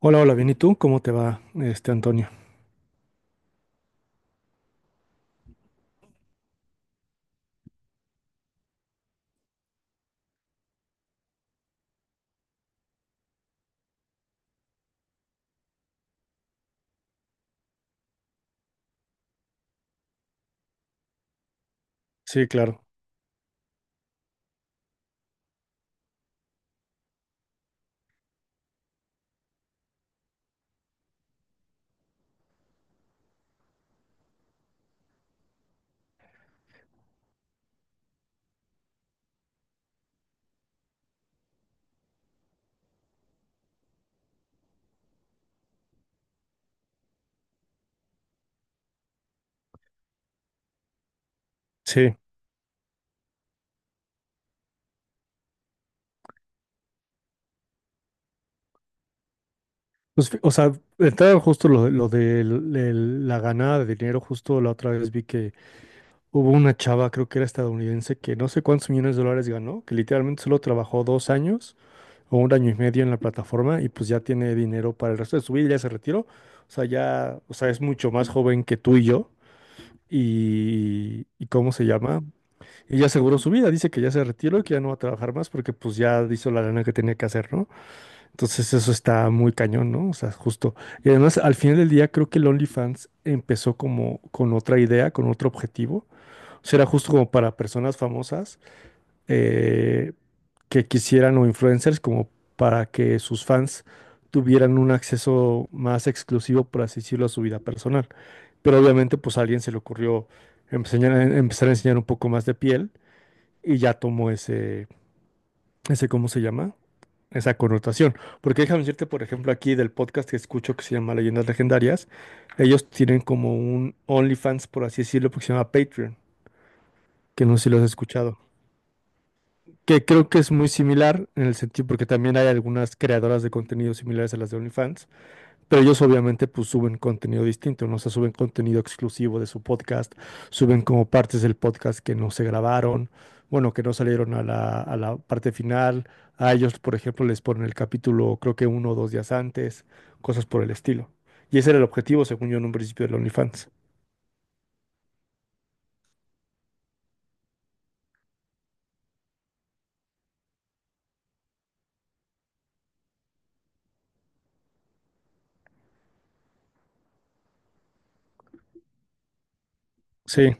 Hola, hola, bien. ¿Y tú? ¿Cómo te va, este Antonio? Sí, claro. Sí. Pues, o sea, entrar justo lo de la ganada de dinero, justo la otra vez vi que hubo una chava, creo que era estadounidense, que no sé cuántos millones de dólares ganó, que literalmente solo trabajó dos años o un año y medio en la plataforma y pues ya tiene dinero para el resto de su vida, ya se retiró. O sea, ya, o sea, es mucho más joven que tú y yo. Y ¿cómo se llama? Y ya aseguró su vida, dice que ya se retiró y que ya no va a trabajar más porque pues ya hizo la lana que tenía que hacer, ¿no? Entonces eso está muy cañón, ¿no? O sea, justo. Y además al final del día creo que el OnlyFans empezó como con otra idea, con otro objetivo. O sea, era justo como para personas famosas eh, que quisieran o influencers como para que sus fans tuvieran un acceso más exclusivo, por así decirlo, a su vida personal. Pero obviamente pues a alguien se le ocurrió empezar a enseñar un poco más de piel y ya tomó ese, ¿cómo se llama? Esa connotación. Porque déjame decirte, por ejemplo, aquí del podcast que escucho que se llama Leyendas Legendarias, ellos tienen como un OnlyFans, por así decirlo, porque se llama Patreon, que no sé si lo has escuchado. Que creo que es muy similar en el sentido, porque también hay algunas creadoras de contenido similares a las de OnlyFans. Pero ellos obviamente pues suben contenido distinto, ¿no? O sea, suben contenido exclusivo de su podcast, suben como partes del podcast que no se grabaron, bueno, que no salieron a la parte final. A ellos, por ejemplo, les ponen el capítulo creo que uno o dos días antes, cosas por el estilo. Y ese era el objetivo, según yo, en un principio del OnlyFans. Sí,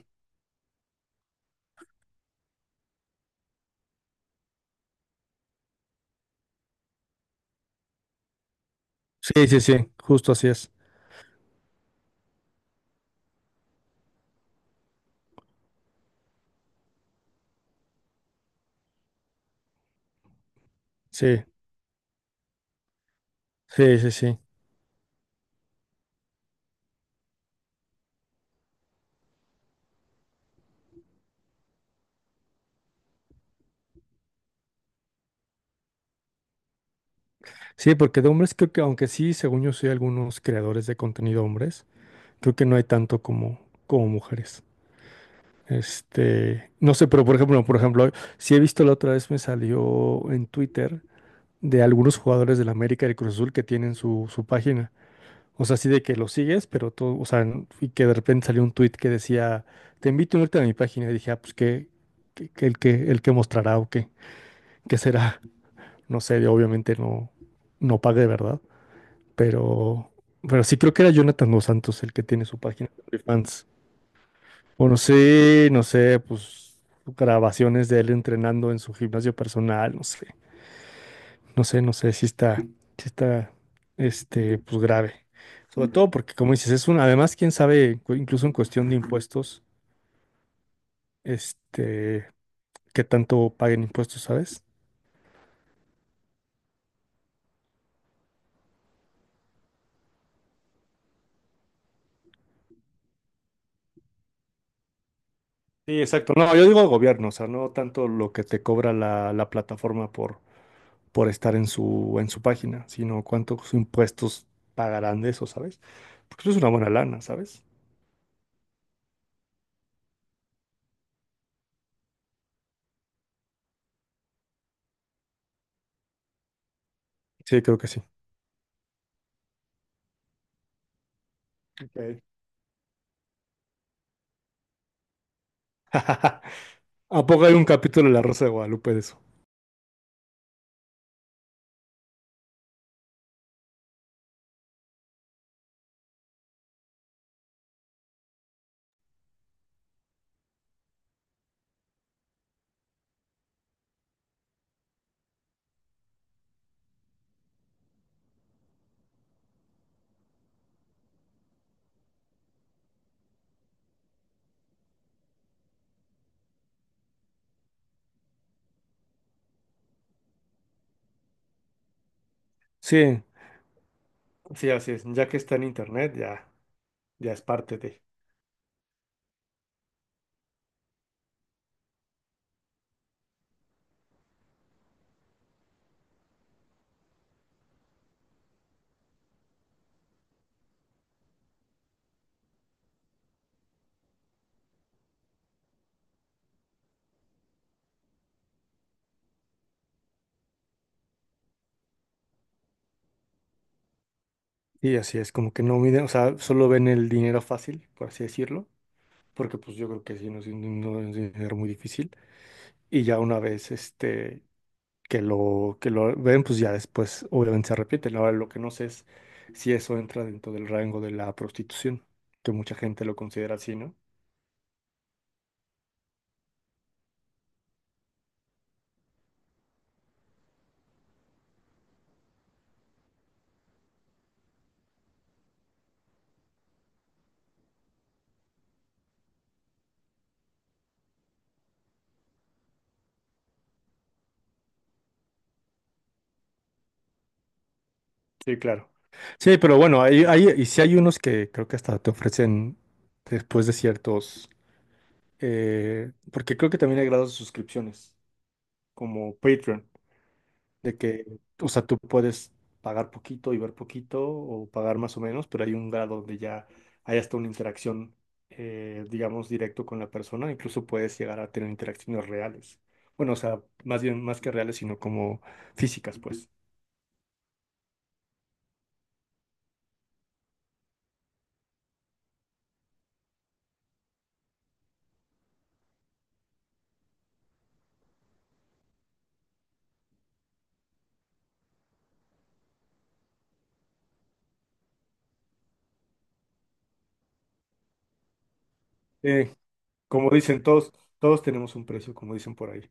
sí, sí, sí, justo así es. Sí, sí, sí, sí. Sí, porque de hombres creo que, aunque sí, según yo, soy algunos creadores de contenido hombres, creo que no hay tanto como, como mujeres. Este, no sé, pero por ejemplo, si he visto, la otra vez me salió en Twitter de algunos jugadores del América y del Cruz Azul que tienen su página. O sea, así de que lo sigues, pero todo, o sea, y que de repente salió un tweet que decía, te invito a unirte a mi página. Y dije, ah, pues que, el que mostrará o qué, qué será. No sé, obviamente no, no pagué, ¿verdad? Pero, pero sí creo que era Jonathan Dos Santos el que tiene su página de OnlyFans. Bueno, sí, no sé, pues grabaciones de él entrenando en su gimnasio personal, no sé, no sé, no sé si está, este, pues grave. Sobre todo porque, como dices, es un, además, quién sabe, incluso en cuestión de impuestos, este, qué tanto paguen impuestos, ¿sabes? Sí, exacto. No, yo digo el gobierno, o sea, no tanto lo que te cobra la plataforma por estar en su página, sino cuántos impuestos pagarán de eso, ¿sabes? Porque eso es una buena lana, ¿sabes? Sí, creo que sí. Ok. ¿A poco hay un capítulo de La Rosa de Guadalupe de eso? Sí, sí, así es. Ya que está en internet, ya, ya es parte de. Y así es, como que no miden, o sea, solo ven el dinero fácil, por así decirlo, porque pues yo creo que sí, no es, no es un dinero muy difícil. Y ya una vez este, que lo ven, pues ya después obviamente se arrepienten. Ahora lo que no sé es si eso entra dentro del rango de la prostitución, que mucha gente lo considera así, ¿no? Sí, claro. Sí, pero bueno, y sí hay unos que creo que hasta te ofrecen después de ciertos, porque creo que también hay grados de suscripciones, como Patreon, de que, o sea, tú puedes pagar poquito y ver poquito, o pagar más o menos, pero hay un grado donde ya hay hasta una interacción, digamos, directo con la persona, incluso puedes llegar a tener interacciones reales. Bueno, o sea, más bien, más que reales, sino como físicas, pues. Como dicen todos tenemos un precio, como dicen por ahí.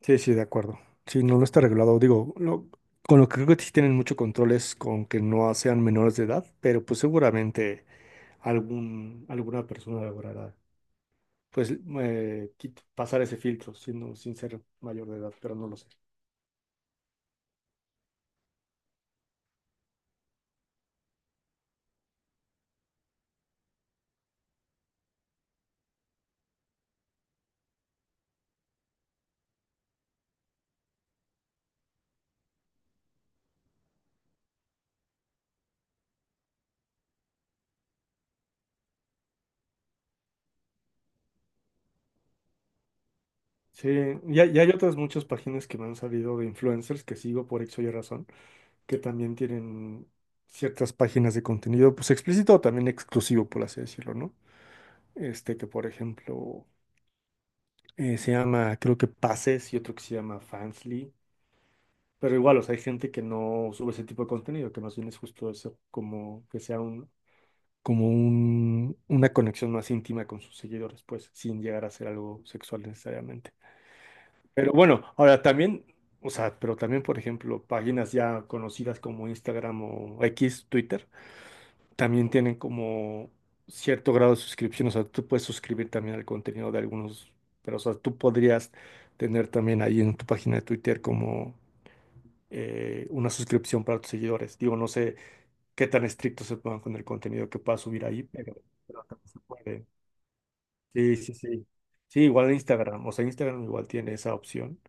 Sí, sí, de acuerdo. Sí, no, no está regulado. Digo, no, con lo que creo que sí tienen mucho control es con que no sean menores de edad, pero pues seguramente alguna persona logrará pues pasar ese filtro sin ser mayor de edad, pero no lo sé. Sí, y hay otras muchas páginas que me han salido de influencers que sigo por X o Y razón, que también tienen ciertas páginas de contenido, pues explícito o también exclusivo, por así decirlo, ¿no? Este que por ejemplo se llama, creo que Pases y otro que se llama Fansly, pero igual, o sea, hay gente que no sube ese tipo de contenido, que más bien es justo eso, como que sea un, como una conexión más íntima con sus seguidores, pues, sin llegar a ser algo sexual necesariamente. Pero bueno, ahora también, o sea, pero también, por ejemplo, páginas ya conocidas como Instagram o X, Twitter. También tienen como cierto grado de suscripción, o sea, tú puedes suscribir también al contenido de algunos, pero o sea, tú podrías tener también ahí en tu página de Twitter como una suscripción para tus seguidores. Digo, no sé qué tan estrictos se pongan con el contenido que puedas subir ahí, pero también se puede. Sí, sí, sí. Sí, igual en Instagram, o sea, Instagram igual tiene esa opción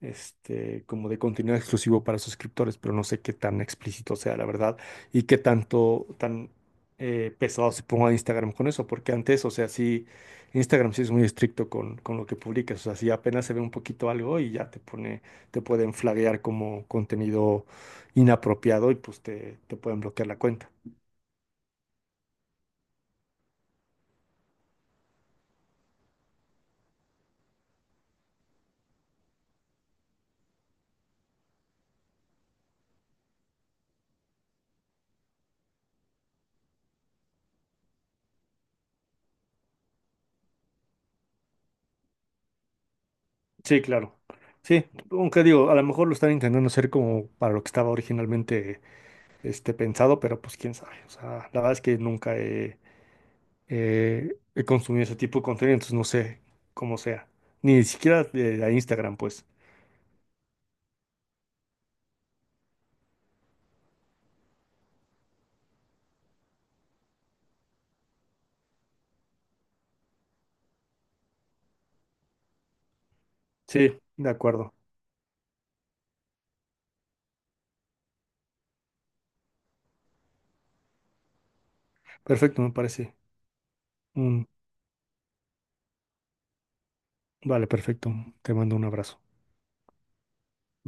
este, como de contenido exclusivo para suscriptores, pero no sé qué tan explícito sea, la verdad, y qué tan pesado se ponga Instagram con eso, porque antes, o sea, sí, Instagram sí es muy estricto con lo que publicas, o sea, si apenas se ve un poquito algo y ya te pone, te pueden flaguear como contenido inapropiado y pues te pueden bloquear la cuenta. Sí, claro. Sí, aunque digo, a lo mejor lo están intentando hacer como para lo que estaba originalmente este, pensado, pero pues quién sabe. O sea, la verdad es que nunca he, he consumido ese tipo de contenido, entonces no sé cómo sea. Ni siquiera de Instagram, pues. Sí, de acuerdo. Perfecto, me parece. Mm, vale, perfecto. Te mando un abrazo.